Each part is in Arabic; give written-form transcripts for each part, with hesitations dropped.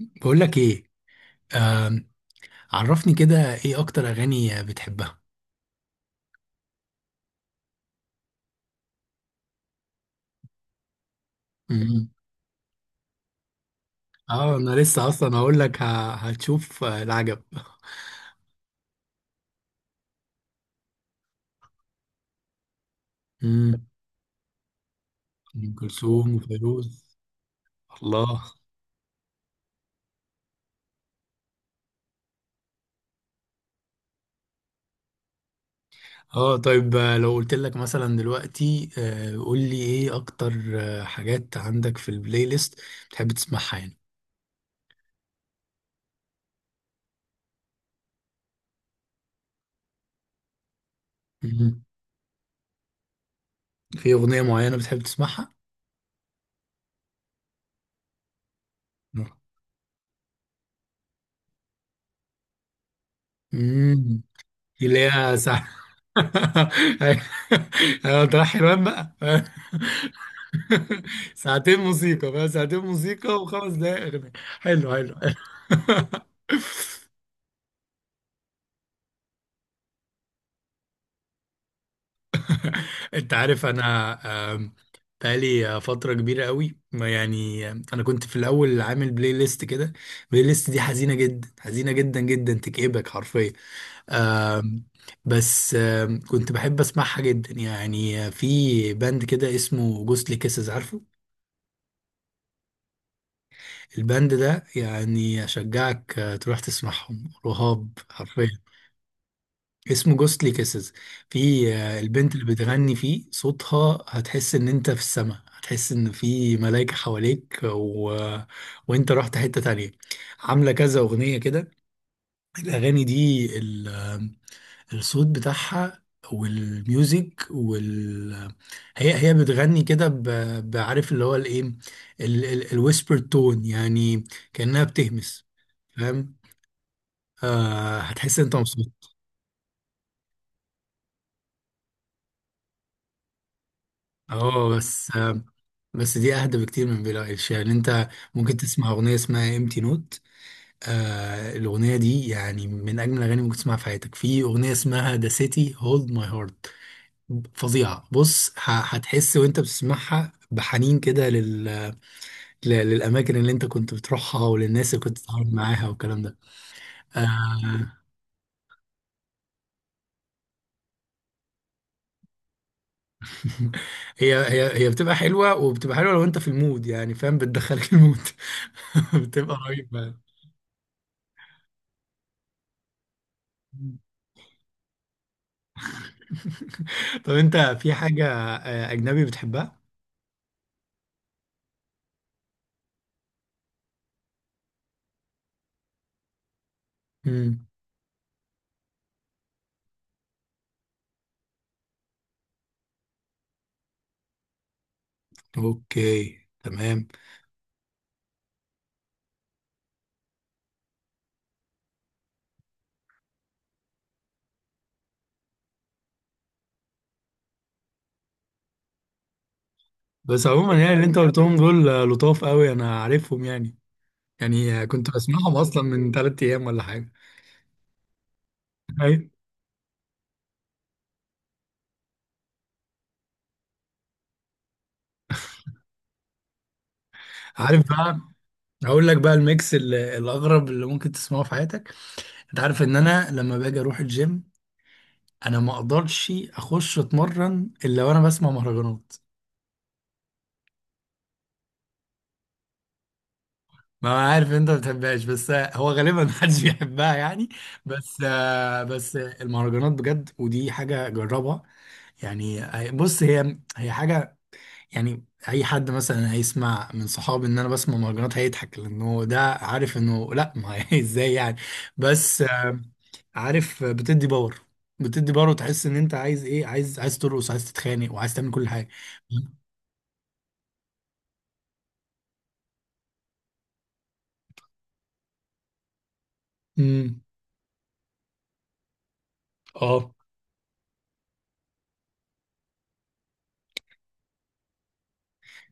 بقول لك ايه؟ آم، عرفني كده ايه اكتر اغاني بتحبها؟ مم. اه انا لسه اصلا هقول لك هتشوف العجب. مم. ام كلثوم وفيروز. الله. اه طيب، لو قلت لك مثلا دلوقتي، قول لي ايه اكتر حاجات عندك في البلاي ليست بتحب تسمعها يعني. مم. في اغنية معينة بتحب تسمعها؟ امم. اللي هي ساعة؟ ايوه، تروح حلوان بقى. ساعتين موسيقى بقى، ساعتين موسيقى وخمس دقايق اغنيه. حلو حلو حلو. انت عارف انا بقالي فتره كبيره قوي، ما يعني، انا كنت في الاول عامل بلاي ليست كده. البلاي ليست دي حزينه جدا، حزينه جدا جدا، تكئبك حرفيا. آم، بس كنت بحب اسمعها جدا يعني. في باند كده اسمه جوستلي كيسز، عارفه الباند ده؟ يعني اشجعك تروح تسمعهم، رهاب حرفيا. اسمه جوستلي كيسز. في البنت اللي بتغني فيه، صوتها هتحس ان انت في السماء، هتحس ان في ملائكة حواليك، و... وانت رحت حتة تانية. عاملة كذا اغنية كده. الاغاني دي ال... آه، الصوت بتاعها والميوزك، وال آه، هي بتغني كده، بعرف اللي هو الايه، الويسبر تون يعني، كأنها بتهمس. فاهم؟ هتحس ان انت مبسوط. اه، بس دي اهدى بكتير من بيلي ايليش يعني. انت ممكن تسمع اغنيه اسمها امتي نوت. الاغنيه دي يعني من اجمل الاغاني ممكن تسمعها في حياتك. في اغنيه اسمها ذا سيتي هولد ماي هارت، فظيعه. بص، هتحس وانت بتسمعها بحنين كده للاماكن اللي انت كنت بتروحها والناس اللي كنت بتتعامل معاها والكلام ده. آه. هي بتبقى حلوه، وبتبقى حلوه لو انت في المود، يعني فاهم؟ بتدخلك المود. بتبقى رهيبه. طب، انت في حاجة أجنبي بتحبها؟ امم. اوكي تمام. بس عموما يعني اللي انت أجنبي قلتهم دول لطاف قوي، انا عارفهم يعني. يعني كنت بسمعهم اصلا من ثلاث ايام ولا حاجه. أيوة. عارف بقى، هقول لك بقى الميكس الاغرب اللي ممكن تسمعه في حياتك. انت عارف ان انا لما باجي اروح الجيم، انا ما اقدرش اخش اتمرن الا وانا بسمع مهرجانات. ما انا عارف إن انت ما بتحبهاش، بس هو غالبا محدش بيحبها يعني. بس، بس المهرجانات بجد، ودي حاجه جربها يعني. بص، هي حاجه يعني، اي حد مثلا هيسمع من صحابي ان انا بسمع مهرجانات هيضحك، لانه ده عارف انه لا، ما هي ازاي يعني؟ بس عارف بتدي باور، بتدي باور وتحس ان انت عايز ايه، عايز ترقص، عايز تتخانق، وعايز تعمل كل حاجه. امم. اه،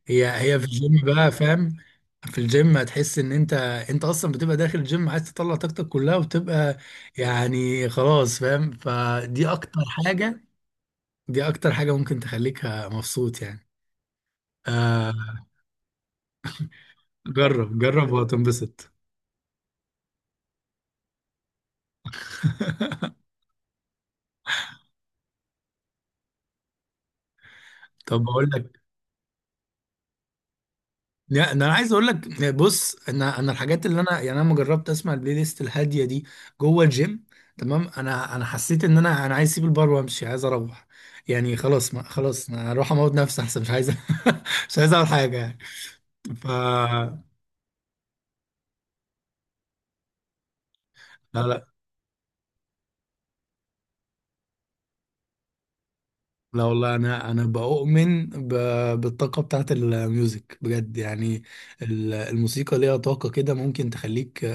هي في الجيم بقى فاهم. في الجيم هتحس ان انت، انت اصلا بتبقى داخل الجيم عايز تطلع طاقتك كلها وتبقى، يعني خلاص فاهم، فدي اكتر حاجة. دي اكتر حاجة ممكن تخليك مبسوط يعني. آه جرب جرب وهتنبسط. طب بقول لك، لا، ده انا عايز اقول لك. بص انا، الحاجات اللي انا، يعني انا لما جربت اسمع البلاي ليست الهاديه دي جوه الجيم تمام، انا حسيت ان انا عايز اسيب البار وامشي، عايز اروح، يعني خلاص، ما خلاص، انا هروح اموت نفسي احسن، مش عايز. مش عايز اعمل حاجه يعني. لا. لا لا، والله انا، بؤمن بالطاقه بتاعت الميوزك بجد يعني. الموسيقى ليها طاقه كده، ممكن تخليك،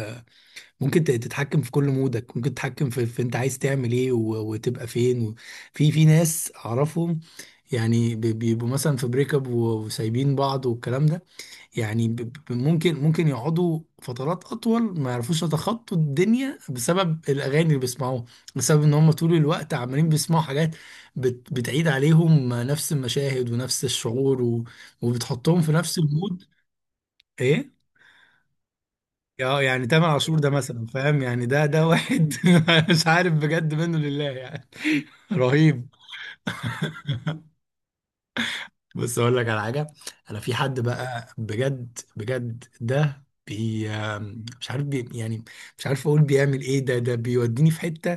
ممكن تتحكم في كل مودك، ممكن تتحكم في انت عايز تعمل ايه، وتبقى فين في في ناس اعرفهم يعني، بيبقوا مثلا في بريك اب، وسايبين بعض والكلام ده. يعني ممكن يقعدوا فترات اطول ما يعرفوش يتخطوا الدنيا بسبب الاغاني اللي بيسمعوها، بسبب ان هم طول الوقت عمالين بيسمعوا حاجات بتعيد عليهم نفس المشاهد ونفس الشعور، و... وبتحطهم في نفس المود. ايه. اه، يعني تامر عاشور ده مثلا فاهم، يعني ده واحد. مش عارف بجد، منه لله يعني. رهيب. بص اقول لك على حاجه. انا في حد بقى، بجد بجد، ده بي، مش عارف بي يعني، مش عارف اقول بيعمل ايه. ده بيوديني في حته،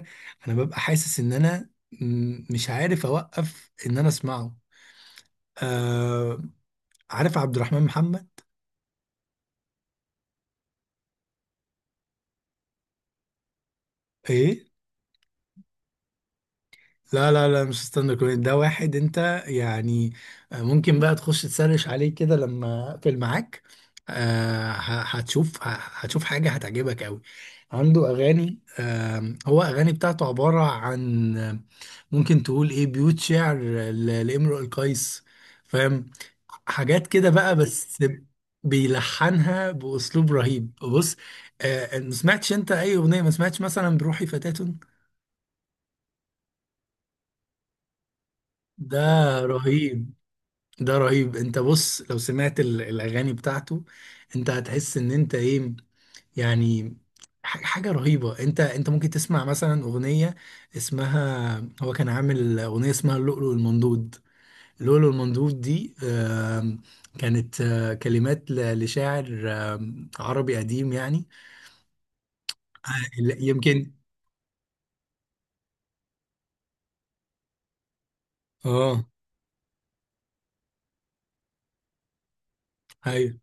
انا ببقى حاسس ان انا مش عارف اوقف ان انا اسمعه. آه عارف عبد الرحمن محمد؟ ايه، لا لا لا مش ستاند اب كوميدي. ده واحد انت يعني، ممكن بقى تخش تسرش عليه كده لما اقفل معاك، هتشوف حاجة هتعجبك قوي. عنده اغاني، هو اغاني بتاعته عبارة عن، ممكن تقول ايه، بيوت شعر لامرؤ القيس فاهم؟ حاجات كده بقى، بس بيلحنها باسلوب رهيب. بص، ما سمعتش انت اي اغنية؟ ما سمعتش مثلا بروحي فتاة؟ ده رهيب. ده رهيب. انت بص، لو سمعت الاغاني بتاعته، انت هتحس ان انت ايه، يعني حاجه رهيبه. انت ممكن تسمع مثلا اغنيه اسمها، هو كان عامل اغنيه اسمها اللؤلؤ المنضود. اللؤلؤ المنضود دي كانت كلمات لشاعر عربي قديم يعني. آه، لا، يمكن. اه، ايوه.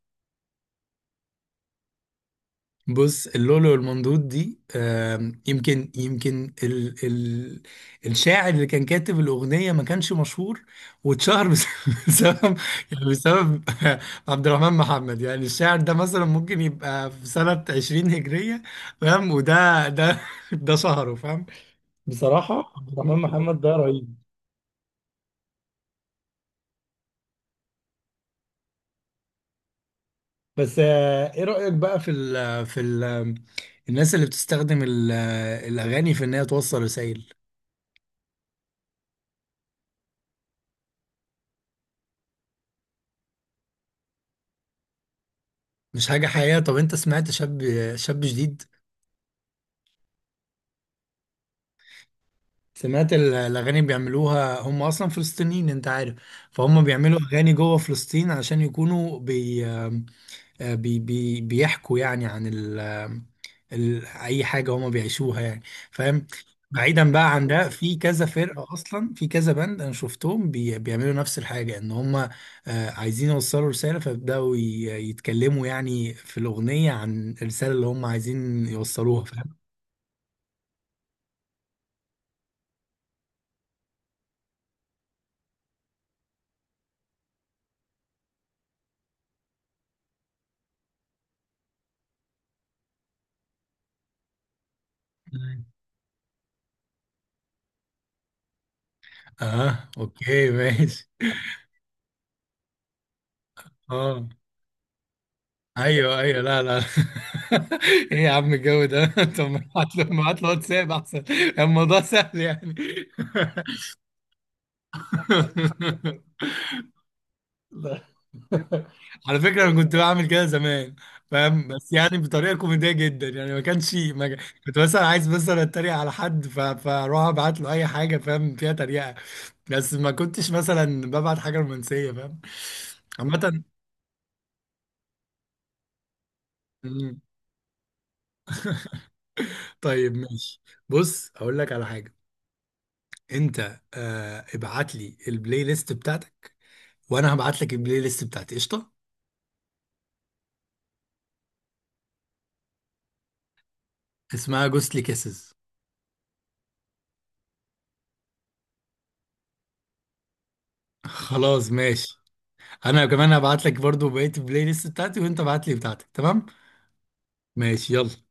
بص، اللولو والمندوب دي، يمكن، ال ال الشاعر اللي كان كاتب الأغنية ما كانش مشهور، واتشهر بسبب، يعني بسبب عبد الرحمن محمد. يعني الشاعر ده مثلا ممكن يبقى في سنة 20 هجرية فاهم، وده ده شهره فاهم. بصراحة عبد الرحمن محمد ده رهيب. بس ايه رأيك بقى في ال في ال الناس اللي بتستخدم الأغاني في إن هي توصل رسائل؟ مش حاجة حقيقية؟ طب انت سمعت شاب شاب جديد. سمعت الأغاني بيعملوها، هم أصلا فلسطينيين انت عارف. فهم بيعملوا أغاني جوه فلسطين عشان يكونوا بي آه، بي بي بيحكوا يعني عن ال ال أي حاجة هم بيعيشوها يعني فاهم. بعيدا بقى عن ده، في كذا فرقة أصلا، في كذا بند أنا شفتهم بيعملوا نفس الحاجة إن هم عايزين يوصلوا رسالة، فبدأوا يتكلموا يعني في الأغنية عن الرسالة اللي هم عايزين يوصلوها فاهم. اه اوكي ماشي. اه ايوه ايوه، لا لا. ايه يا عم الجو ده؟ طب، ما ابعت له واتساب احسن، الموضوع سهل يعني. لا. على فكره انا كنت بعمل كده زمان فاهم، بس يعني بطريقه كوميديه جدا يعني ما كانش، ما كان- كنت مثلا عايز، مثلا اتريق على حد، فاروح ابعت له اي حاجه فاهم فيها تريقه، بس ما كنتش مثلا ببعت حاجه رومانسيه فاهم، عامه. طيب ماشي. بص هقول لك على حاجه، انت ابعت لي البلاي ليست بتاعتك، وانا هبعت لك البلاي ليست بتاعتي قشطه. اسمها جوستلي كيسز. خلاص ماشي. انا كمان هبعت لك برضو بقيه البلاي ليست بتاعتي، وانت ابعت لي بتاعتك. تمام ماشي يلا.